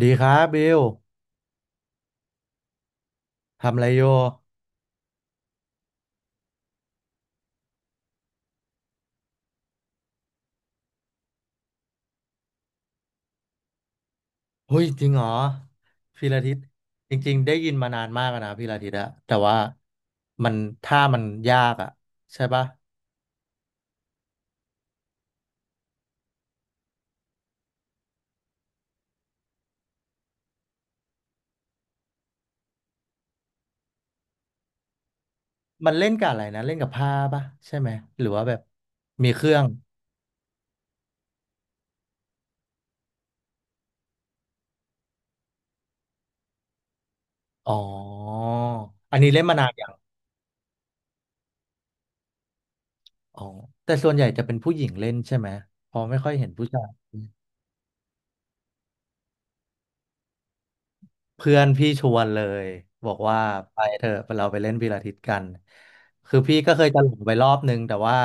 ดีครับบิวทำอะไรโยเฮ้ยจริงเหรอพีระทิตจริงๆได้ยินมานานมากอะนะพีระทิตอะแต่ว่ามันท่ามันยากอะใช่ปะมันเล่นกับอะไรนะเล่นกับผ้าปะใช่ไหมหรือว่าแบบมีเครื่องอ๋ออันนี้เล่นมานานอย่างอ๋อแต่ส่วนใหญ่จะเป็นผู้หญิงเล่นใช่ไหมเพอไม่ค่อยเห็นผู้ชาย เพื่อนพี่ชวนเลยบอกว่าไปเถอะเราไปเล่นพีลาทิสกันคือพี่ก็เคยจะหลงไปรอบนึงแต่ว่า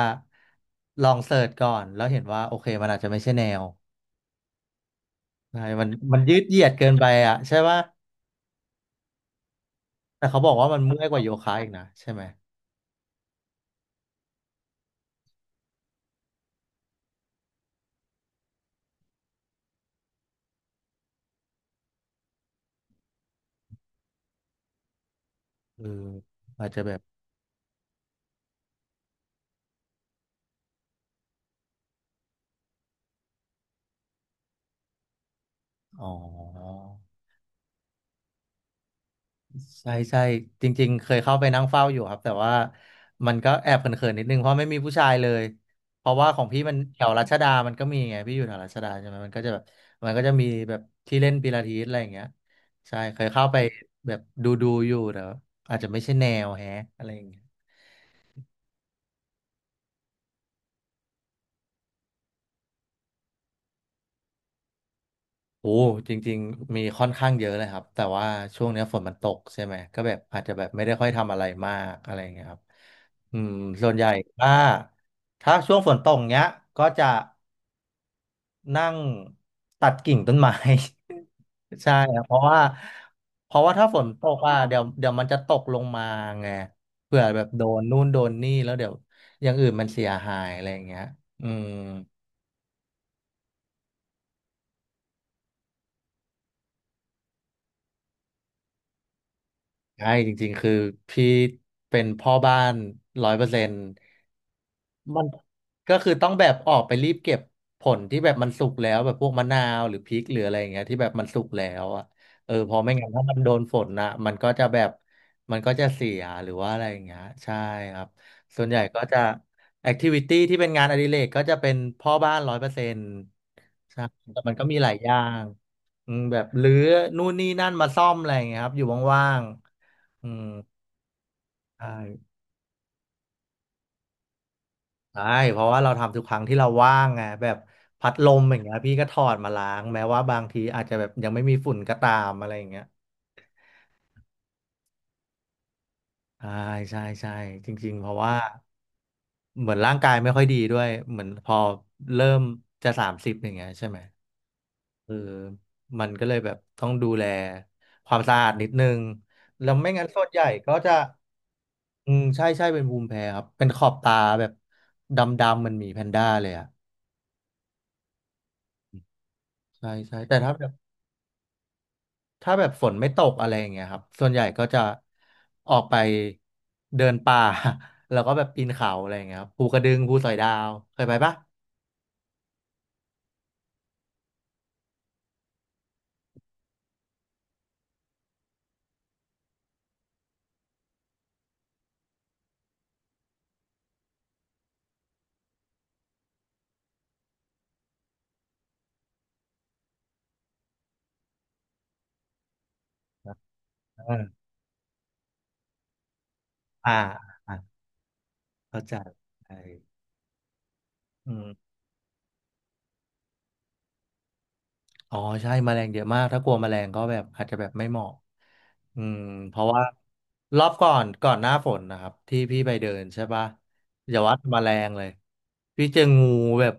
ลองเสิร์ชก่อนแล้วเห็นว่าโอเคมันอาจจะไม่ใช่แนวใช่มันยืดเหยียดเกินไปอ่ะใช่ป่ะแต่เขาบอกว่ามันเมื่อยกว่าโยคะอีกนะใช่ไหมเอออาจจะแบบอ๋อ ใช่ใช่จริงๆเคยเข้าไปนั่งเฝ้าอยู่ครับแต่ว่ามันก็แอบเขินๆนิดนึงเพราะไม่มีผู้ชายเลยเพราะว่าของพี่มันแถวรัชดามันก็มีไงพี่อยู่แถวรัชดาใช่ไหมมันก็จะแบบมันก็จะมีแบบที่เล่นปิลาทิสอะไรอย่างเงี้ยใช่เคยเข้าไปแบบดูอยู่แต่ว่าอาจจะไม่ใช่แนวแฮะอะไรอย่างเงี้ยโอ้จริงๆมีค่อนข้างเยอะเลยครับแต่ว่าช่วงเนี้ยฝนมันตกใช่ไหมก็แบบอาจจะแบบไม่ได้ค่อยทำอะไรมากอะไรอย่างเงี้ยครับอืมส่วนใหญ่ถ้าถ้าช่วงฝนตกเนี้ยก็จะ นั่งตัดกิ่งต้นไม้ ใช่ครับเพราะว่าถ้าฝนตกอ่ะเดี๋ยวมันจะตกลงมาไงเผื่อแบบโดนนู่นโดนนี่แล้วเดี๋ยวอย่างอื่นมันเสียหายอะไรอย่างเงี้ยอืมใช่จริงๆคือพี่เป็นพ่อบ้านร้อยเปอร์เซ็นต์ มันก็คือต้องแบบออกไปรีบเก็บผลที่แบบมันสุกแล้วแบบพวกมะนาวหรือพริกหรืออะไรอย่างเงี้ยที่แบบมันสุกแล้วอ่ะเออเพอไม่งั้นถ้ามันโดนฝนนะมันก็จะแบบมันก็จะเสียหรือว่าอะไรอย่างเงี้ยใช่ครับส่วนใหญ่ก็จะแอคทิวิตี้ที่เป็นงานอดิเรกก็จะเป็นพ่อบ้านร้อยเปอร์เซ็นต์ใช่แต่มันก็มีหลายอย่างอืมแบบรื้อนู่นนี่นั่นมาซ่อมอะไรอย่างเงี้ยครับอยู่ว่างๆอืมใช่ ใช่เพราะว่าเราทำทุกครั้งที่เราว่างไงแบบพัดลมอย่างเงี้ยพี่ก็ถอดมาล้างแม้ว่าบางทีอาจจะแบบยังไม่มีฝุ่นก็ตามอะไรอย่างเงี้ยใช่ใช่ใช่จริงๆเพราะว่าเหมือนร่างกายไม่ค่อยดีด้วยเหมือนพอเริ่มจะ30อย่างเงี้ยใช่ไหมเออมันก็เลยแบบต้องดูแลความสะอาดนิดนึงแล้วไม่งั้นส่วนใหญ่ก็จะอืมใช่ใช่เป็นภูมิแพ้ครับเป็นขอบตาแบบดำๆมันหมีแพนด้าเลยอ่ะใช่ใช่แต่ถ้าแบบ ถ้าแบบฝนไม่ตกอะไรอย่างเงี้ยครับ ส่วนใหญ่ก็จะออกไปเดินป่า แล้วก็แบบปีนเขาอะไรอย่างเงี้ยครับภูกระดึงภูสอยดาวเคยไปปะอาอ่าอ่าเข้าใจใช่อืม อ๋อใช่แมลงเยอะมากถ้ากลัวแมลงก็แบบอาจจะแบบไม่เหมาะอืมเพราะว่ารอบก่อนหน้าฝนนะครับที่พี่ไปเดินใช่ปะอย่าว่าแต่แมลงเลยพี่เจองูแบบ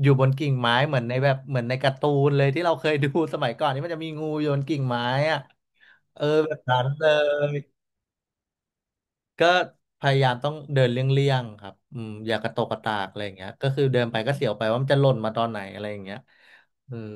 อยู่บนกิ่งไม้เหมือนในแบบเหมือนในการ์ตูนเลยที่เราเคยดูสมัยก่อนที่มันจะมีงูอยู่บนกิ่งไม้อะเออแบบนั้นเลยก็พยายามต้องเดินเลี่ยงๆครับอืมอย่ากระตกกระตากอะไรอย่างเงี้ยก็คือเดินไปก็เสียวไปว่ามันจะหล่นมาตอนไหนอะไรอย่างเงี้ยอืม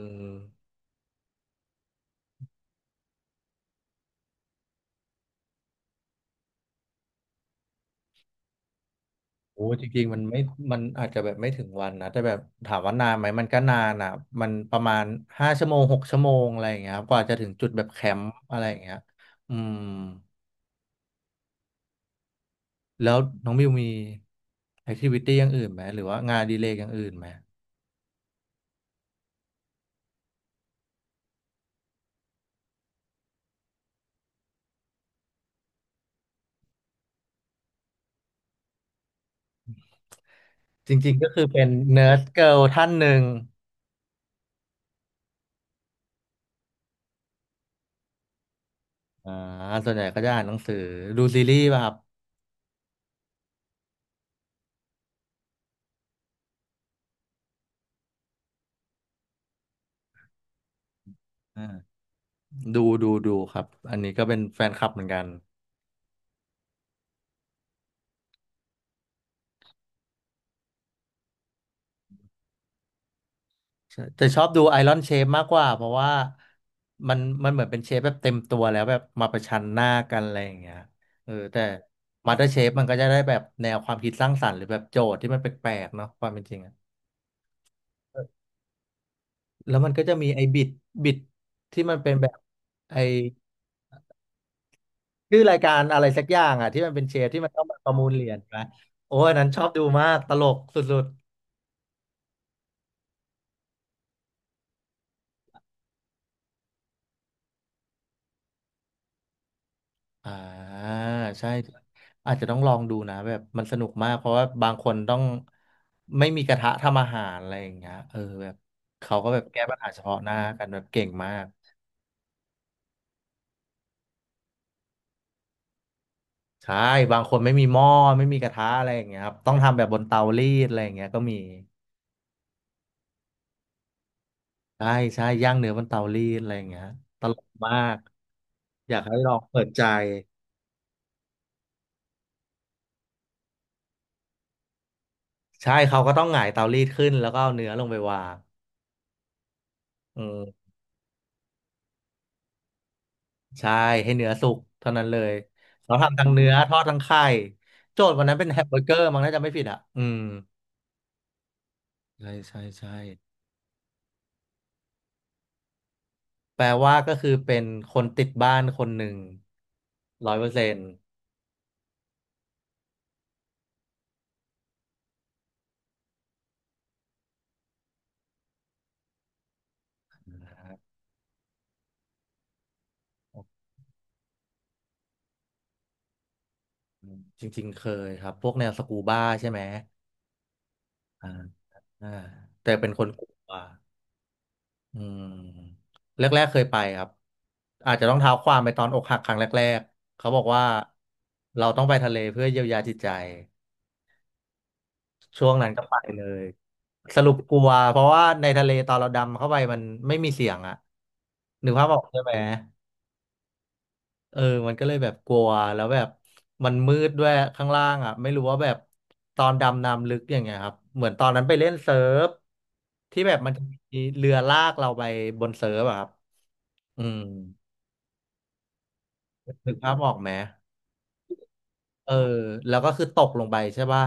โอ้จริงๆมันไม่มันอาจจะแบบไม่ถึงวันนะแต่แบบถามว่านานไหมมันก็นานอ่ะมันประมาณ5 ชั่วโมง6 ชั่วโมงอะไรอย่างเงี้ยครับกว่าจะถึงจุดแบบแคมป์อะไรอย่างเงี้ยอืมแล้วน้องบิวมีแอคทิวิตี้อย่างอื่นไหมหรือว่างานอดีเลย์อย่างอื่นไหมจริงๆก็คือเป็นเนิร์ดเกิร์ลท่านหนึ่งอ่าส่วนใหญ่ก็จะอ่านหนังสือดูซีรีส์ป่ะครับอ่าดูครับอันนี้ก็เป็นแฟนคลับเหมือนกัน ใช่แต่ชอบดูไอรอนเชฟมากกว่าเพราะว่ามันเหมือนเป็นเชฟแบบเต็มตัวแล้วแบบมาประชันหน้ากันอะไรอย่างเงี้ยเออแต่มาสเตอร์เชฟมันก็จะได้แบบแนวความคิดสร้างสรรค์หรือแบบโจทย์ที่มันแปลกๆเนาะความเป็นจริงอะแล้วมันก็จะมีไอ้บิดที่มันเป็นแบบไอ้ชื่อรายการอะไรสักอย่างอะที่มันเป็นเชฟที่มันต้องมาประมูลเหรียญนะโอ้ยอันนั้นชอบดูมากตลกสุด อ่าใช่อาจจะต้องลองดูนะแบบมันสนุกมากเพราะว่าบางคนต้องไม่มีกระทะทำอาหารอะไรอย่างเงี้ยเออแบบเขาก็แบบแก้ปัญหาเฉพาะหน้ากันแบบเก่งมากใช่บางคนไม่มีหม้อไม่มีกระทะอะไรอย่างเงี้ยครับต้องทำแบบบนเตารีดอะไรอย่างเงี้ยก็มีใช่ใช่ย่างเนื้อบนเตารีดอะไรอย่างเงี้ยตลกมากอยากให้ลองเปิดใจใช่เขาก็ต้องหงายเตารีดขึ้นแล้วก็เอาเนื้อลงไปวางอืม ใช่ให้เนื้อสุกเท่านั้นเลยเราทำทั้งเนื้อทอดทั้งไข่โจทย์วันนั้นเป็นแฮมเบอร์เกอร์มั้งน่าจะไม่ผิดอ่ะอืมใช่ใช่ใช่แปลว่าก็คือเป็นคนติดบ้านคนหนึ่งร้อยเปอร์เซ็นต์จริงๆเคยครับพวกแนวสกูบ้าใช่ไหมอ่าอ่าแต่เป็นคนกลัวอืมแรกๆเคยไปครับอาจจะต้องเท้าความไปตอนอกหักครั้งแรกๆเขาบอกว่าเราต้องไปทะเลเพื่อเยียวยาจิตใจ ช่วงนั้นก็ไปเลยสรุปกลัวเพราะว่าในทะเลตอนเราดำเข้าไปมันไม่มีเสียงอะนึกภาพออกใช่ไหมเออมันก็เลยแบบกลัวแล้วแบบมันมืดด้วยข้างล่างอะไม่รู้ว่าแบบตอนดำน้ำลึกอย่างเงี้ยครับเหมือนตอนนั้นไปเล่นเซิร์ฟที่แบบมันจะมีเรือลากเราไปบนเซิร์ฟอะครับอืมนึกภาพออกไหม เออแล้วก็คือตกลงไปใช่ป่ะ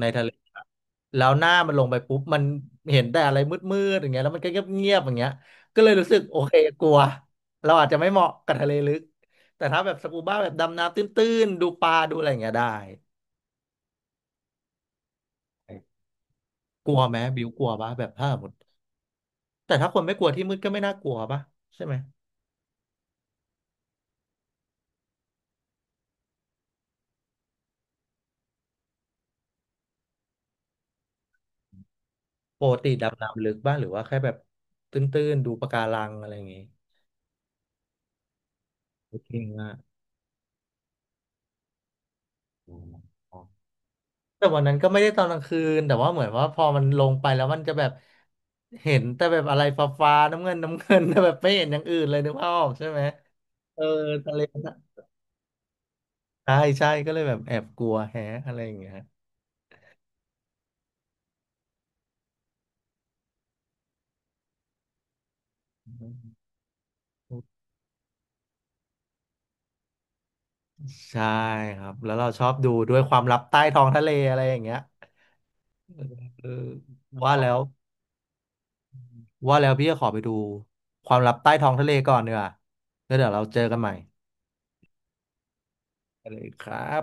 ในทะเลอะแล้วหน้ามันลงไปปุ๊บมันเห็นแต่อะไรมืดๆอย่างเงี้ยแล้วมันก็เงียบๆอย่างเงี้ยก็เลยรู้สึกโอเคกลัวเราอาจจะไม่เหมาะกับทะเลลึกแต่ถ้าแบบสกูบ้าแบบดำน้ำตื้นๆดูปลาดูอะไรอย่างเงี้ยได้กลัวไหมบิวกลัวป่ะแบบถ้าสมมติแต่ถ้าคนไม่กลัวที่มืดก็ไม่น่ากลัวป่ะใช่ไหมปกติดำน้ำลึกบ้างหรือว่าแค่แบบตื้นๆดูปะการังอะไรอย่างงี้จริงอ่ะ แต่วันนั้นก็ไม่ได้ตอนกลางคืนแต่ว่าเหมือนว่าพอมันลงไปแล้วมันจะแบบเห็นแต่แบบอะไรฟ้าน้ำเงิน น้ำเงินแต่แบบไม่เห็นอย่างอื่นเลยนึกภาพออกใช่ไหมเออทะเลนะใช่ใช่ก็เลยแบบแอบกลัวแฮะอะไรอย่างเงี้ยใช่ครับแล้วเราชอบดูด้วยความลับใต้ท้องทะเลอะไรอย่างเงี้ยเออว่าแล้วว่าแล้วพี่จะขอไปดูความลับใต้ท้องทะเลก่อนเนีกว่ยแล้วเดี๋ยวเราเจอกันใหม่ไปเลยครับ